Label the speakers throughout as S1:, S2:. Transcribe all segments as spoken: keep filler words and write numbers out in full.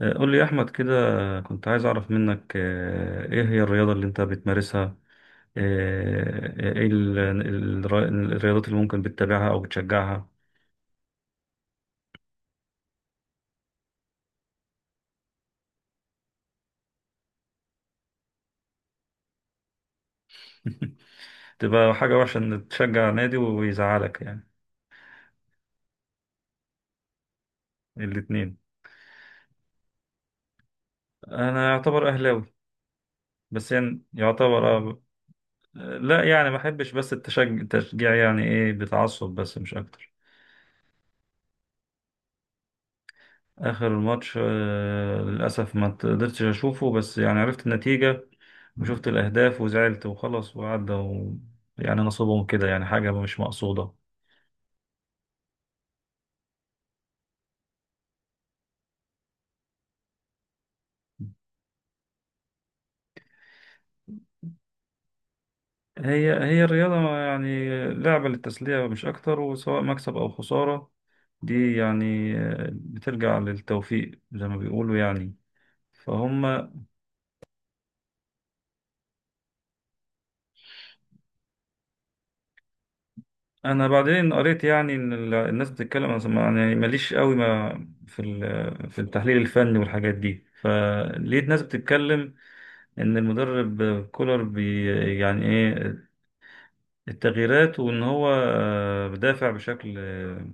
S1: آه، قول لي يا أحمد كده. كنت عايز أعرف منك آه، إيه هي الرياضة اللي أنت بتمارسها، آه، إيه ال- ال- الرياضات اللي ممكن بتتابعها أو بتشجعها. تبقى حاجة وحشة إن تشجع نادي ويزعلك يعني. الاتنين. أنا يعتبر أهلاوي. بس يعني يعتبر، آه، لا يعني ما بحبش بس التشج- التشجيع يعني إيه بتعصب بس مش أكتر. آخر ماتش، آه، للأسف ما قدرتش أشوفه بس يعني عرفت النتيجة وشفت الأهداف وزعلت وخلص وعدى و... يعني نصيبهم كده، يعني حاجة مش مقصودة. هي هي الرياضة يعني، لعبة للتسلية مش أكتر، وسواء مكسب أو خسارة دي يعني، آه، بترجع للتوفيق زي ما بيقولوا يعني. فهم. انا بعدين قريت يعني ان ال- الناس بتتكلم، أنا سمع- يعني ماليش قوي ما في ال- في التحليل الفني والحاجات دي، فلقيت ناس بتتكلم ان المدرب كولر بي يعني ايه التغييرات، وان هو آه، بدافع بشكل، آه،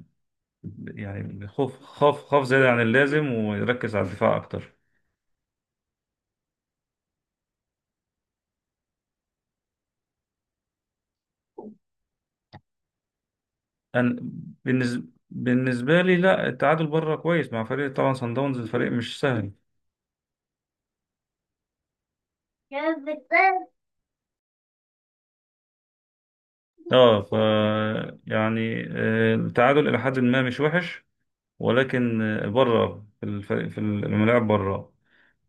S1: يعني خوف، خاف خاف زيادة عن اللازم ويركز على الدفاع اكتر. انا بالنسبة بالنسبة لي، لا التعادل بره كويس مع فريق طبعا صن داونز، الفريق مش سهل. اه ف يعني آه، التعادل الى حد ما مش وحش، ولكن آه، بره في الفريق، في الملاعب بره،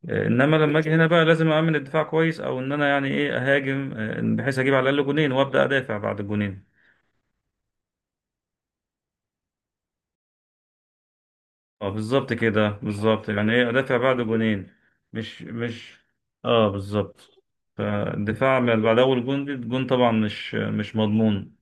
S1: آه، انما لما اجي هنا بقى لازم اعمل الدفاع كويس، او ان انا يعني ايه اهاجم آه، بحيث اجيب على الاقل جونين وابدا ادافع بعد الجونين. اه بالظبط كده بالظبط، يعني ايه ادافع بعد جونين. مش مش اه بالظبط. فالدفاع من- بعد اول جون، دي الجون طبعا مش مش مضمون.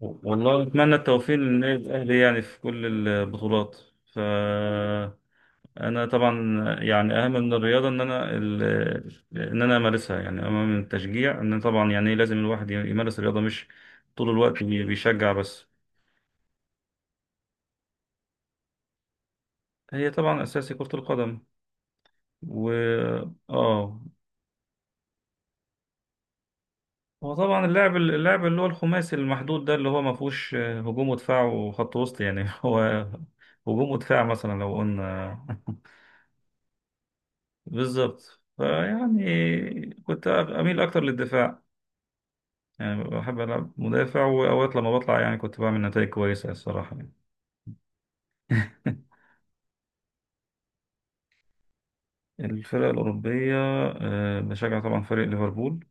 S1: والله أتمنى التوفيق للنادي الأهلي يعني في كل البطولات. فأنا طبعا يعني أهم من الرياضة إن أنا ال- إن أنا أمارسها، يعني أهم من التشجيع، إن طبعا يعني إيه لازم الواحد يمارس الرياضة مش طول الوقت بي- بيشجع بس. هي طبعا أساسي كرة القدم. و آه هو طبعا اللاعب اللاعب اللي هو الخماسي المحدود ده، اللي هو ما فيهوش هجوم ودفاع وخط وسط يعني. هو هجوم ودفاع مثلا لو قلنا. بالظبط، فيعني كنت أميل أكتر للدفاع، يعني بحب ألعب مدافع، وأوقات لما بطلع يعني كنت بعمل نتائج كويسة الصراحة يعني. الفرق الأوروبية، آه، بشجع طبعا فريق ليفربول.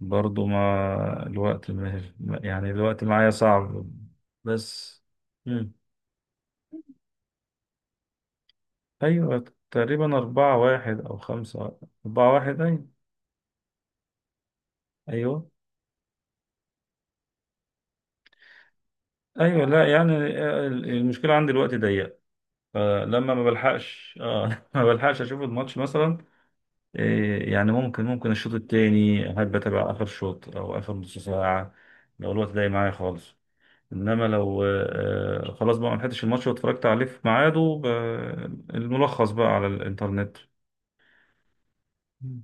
S1: برضو مع الوقت ما- يعني الوقت معايا صعب بس. مم. أيوة تقريبا أربعة واحد أو خمسة. أربعة واحد أيوة. أيوة. أيوة لا يعني، آه، المشكلة عندي الوقت ضيق، فلما ما بلحقش اه ما بلحقش اشوف الماتش مثلا. إيه يعني، ممكن ممكن الشوط التاني احب اتابع اخر شوط او اخر نص ساعه، لو الوقت ضايق معايا خالص. انما لو آه خلاص بقى ما لحقتش الماتش واتفرجت عليه في ميعاده، ب- الملخص بقى على الانترنت. مم.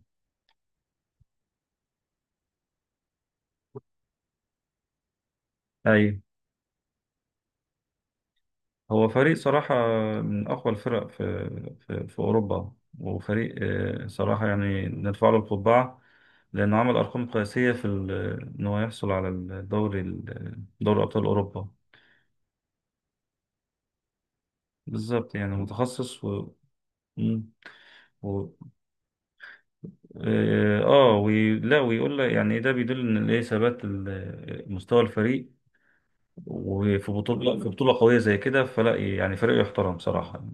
S1: اي. هو فريق صراحة من أقوى الفرق في في, في أوروبا، وفريق آه، صراحة يعني نرفع له القبعة، لأنه عمل أرقام قياسية في ال- إن هو يحصل على الدوري ال- دوري أبطال أوروبا. بالظبط، يعني متخصص و مم. و آه آه، وي... لا ويقول لك يعني ده بيدل إن الإيه ثبات ال- مستوى الفريق، وفي بطولة، في بطولة قوية زي كده، فلا يعني فريق يحترم صراحة.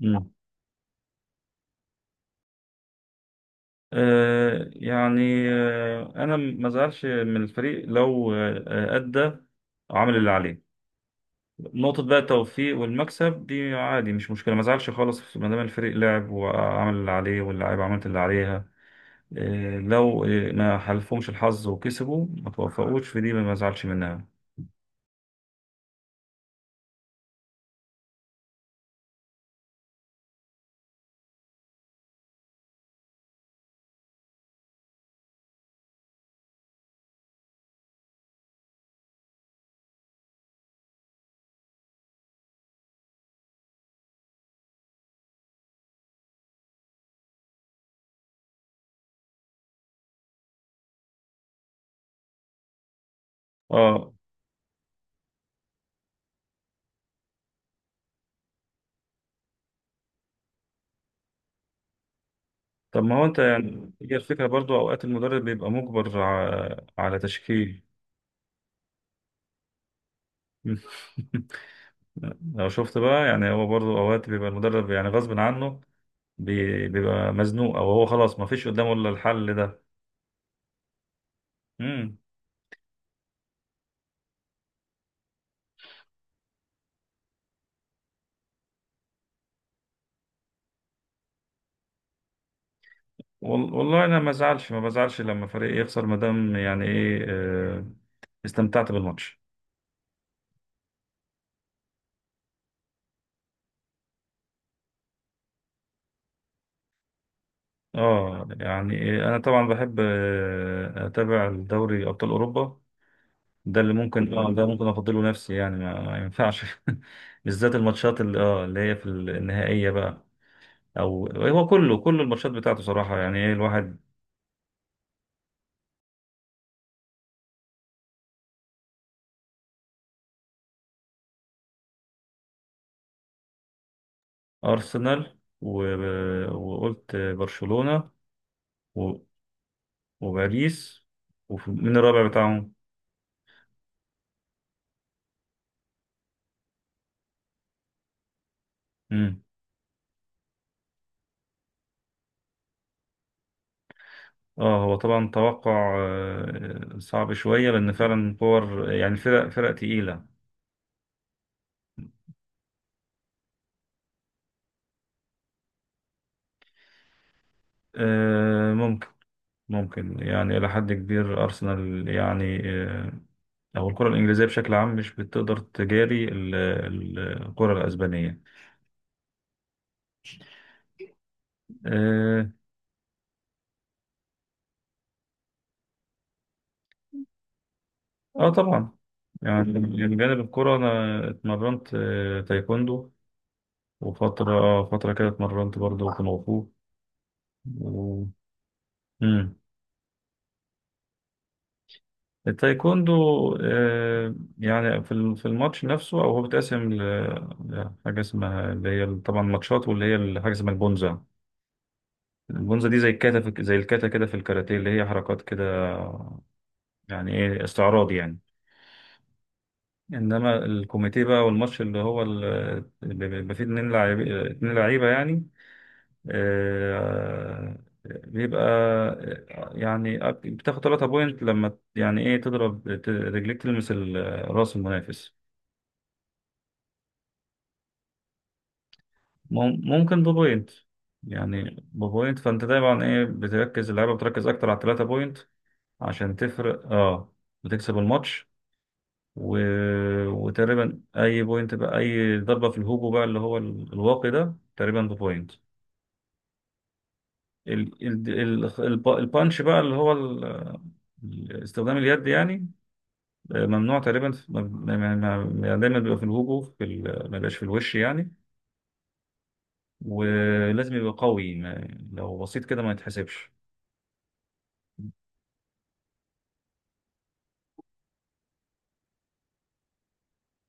S1: مم. آه، يعني آه، انا ما زعلش من الفريق لو آه، آه، ادى وعمل اللي عليه. نقطة بقى التوفيق والمكسب دي عادي، مش مشكلة، ما زعلش خالص ما دام الفريق لعب وعمل اللي عليه واللاعيبة عملت اللي عليها. آه، لو آه، ما حلفهمش الحظ وكسبوا، ما توفقوش في دي، ما زعلش منها. اه. طب ما هو انت يعني هي الفكرة برضو اوقات المدرب بيبقى مجبر ع- على تشكيل. لو شفت بقى يعني هو برضو اوقات بيبقى المدرب يعني غصب عنه، بي- بيبقى مزنوق، او هو خلاص ما فيش قدامه الا الحل ده. امم. وال- والله انا ما بزعلش ما بزعلش لما فريق يخسر ما دام يعني ايه آه، استمتعت بالماتش. اه يعني إيه انا طبعا بحب آه، اتابع الدوري ابطال اوروبا. ده اللي ممكن اه ده ممكن افضله نفسي، يعني ما, ما ينفعش. بالذات الماتشات اللي اه اللي هي في النهائيه بقى، او هو كله كل الماتشات بتاعته صراحه، يعني ايه الواحد. ارسنال و- وقلت برشلونه وباريس. ومين الرابع بتاعهم؟ مم. اه هو طبعا توقع آه، صعب شوية لأن فعلا كور يعني فرق فرق تقيلة. آه، ممكن ممكن يعني إلى حد كبير أرسنال يعني، آه، أو الكرة الإنجليزية بشكل عام مش بتقدر تجاري ال- ال- الكرة الأسبانية. آه. آه طبعا، يعني من جانب الكرة أنا اتمرنت آه، تايكوندو، وفترة آه، فترة كده اتمرنت برضه كونغ فو. و... مم. التايكوندو، آه، يعني في ال- في الماتش نفسه، او هو بيتقسم ل- لحاجه اسمها اللي هي طبعا ماتشات، واللي هي حاجه اسمها البونزا. البونزا دي زي الكاتا في- زي الكاتا كده في الكاراتيه، اللي هي حركات كده يعني ايه استعراض يعني. انما الكوميتيه بقى والماتش اللي هو ال- اللي بيبقى فيه اتنين لعيبه اتنين لعيبه يعني، آه، بيبقى آه، يعني بتاخد ثلاث بوينت لما يعني ايه تضرب ت- رجليك تلمس ال- راس المنافس. مم- ممكن ببوينت، يعني ببوينت، فانت دايما ايه بتركز، اللعيبه بتركز اكتر على الثلاثه بوينت عشان تفرق، اه، وتكسب الماتش. و... وتقريبا اي بوينت بقى اي ضربه في الهوجو بقى اللي هو ال- الواقي ده تقريبا ببوينت. ال... ال... ال... الب- البانش بقى اللي هو ال... ال- استخدام اليد يعني، آه، ممنوع تقريبا في- ما- ما- ما- ما- يعني دايما بيبقى في الهوجو في ال... ما بيبقاش في الوش يعني، ولازم يبقى قوي. ما... لو بسيط كده ما يتحسبش.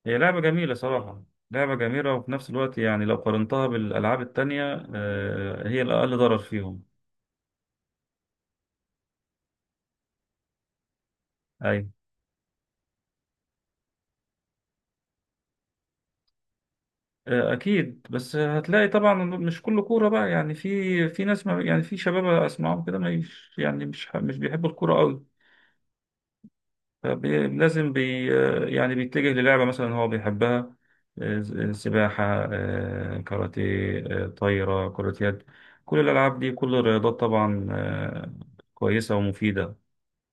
S1: هي لعبة جميلة صراحة، لعبة جميلة وفي نفس الوقت يعني لو قارنتها بالألعاب التانية، آه، هي الأقل ضرر فيهم. أي آه، أكيد، بس هتلاقي طبعا مش كله كورة بقى يعني، في في ناس ما يعني، في شباب أسمعهم كده مش يعني مش ح- مش بيحبوا الكورة أوي. فلازم بي آه، يعني بيتجه للعبة مثلا هو بيحبها، آه، ز- آه، سباحة، آه، كاراتيه، آه، طايرة، كرة يد. كل الألعاب دي، كل الرياضات طبعا آه، كويسة ومفيدة.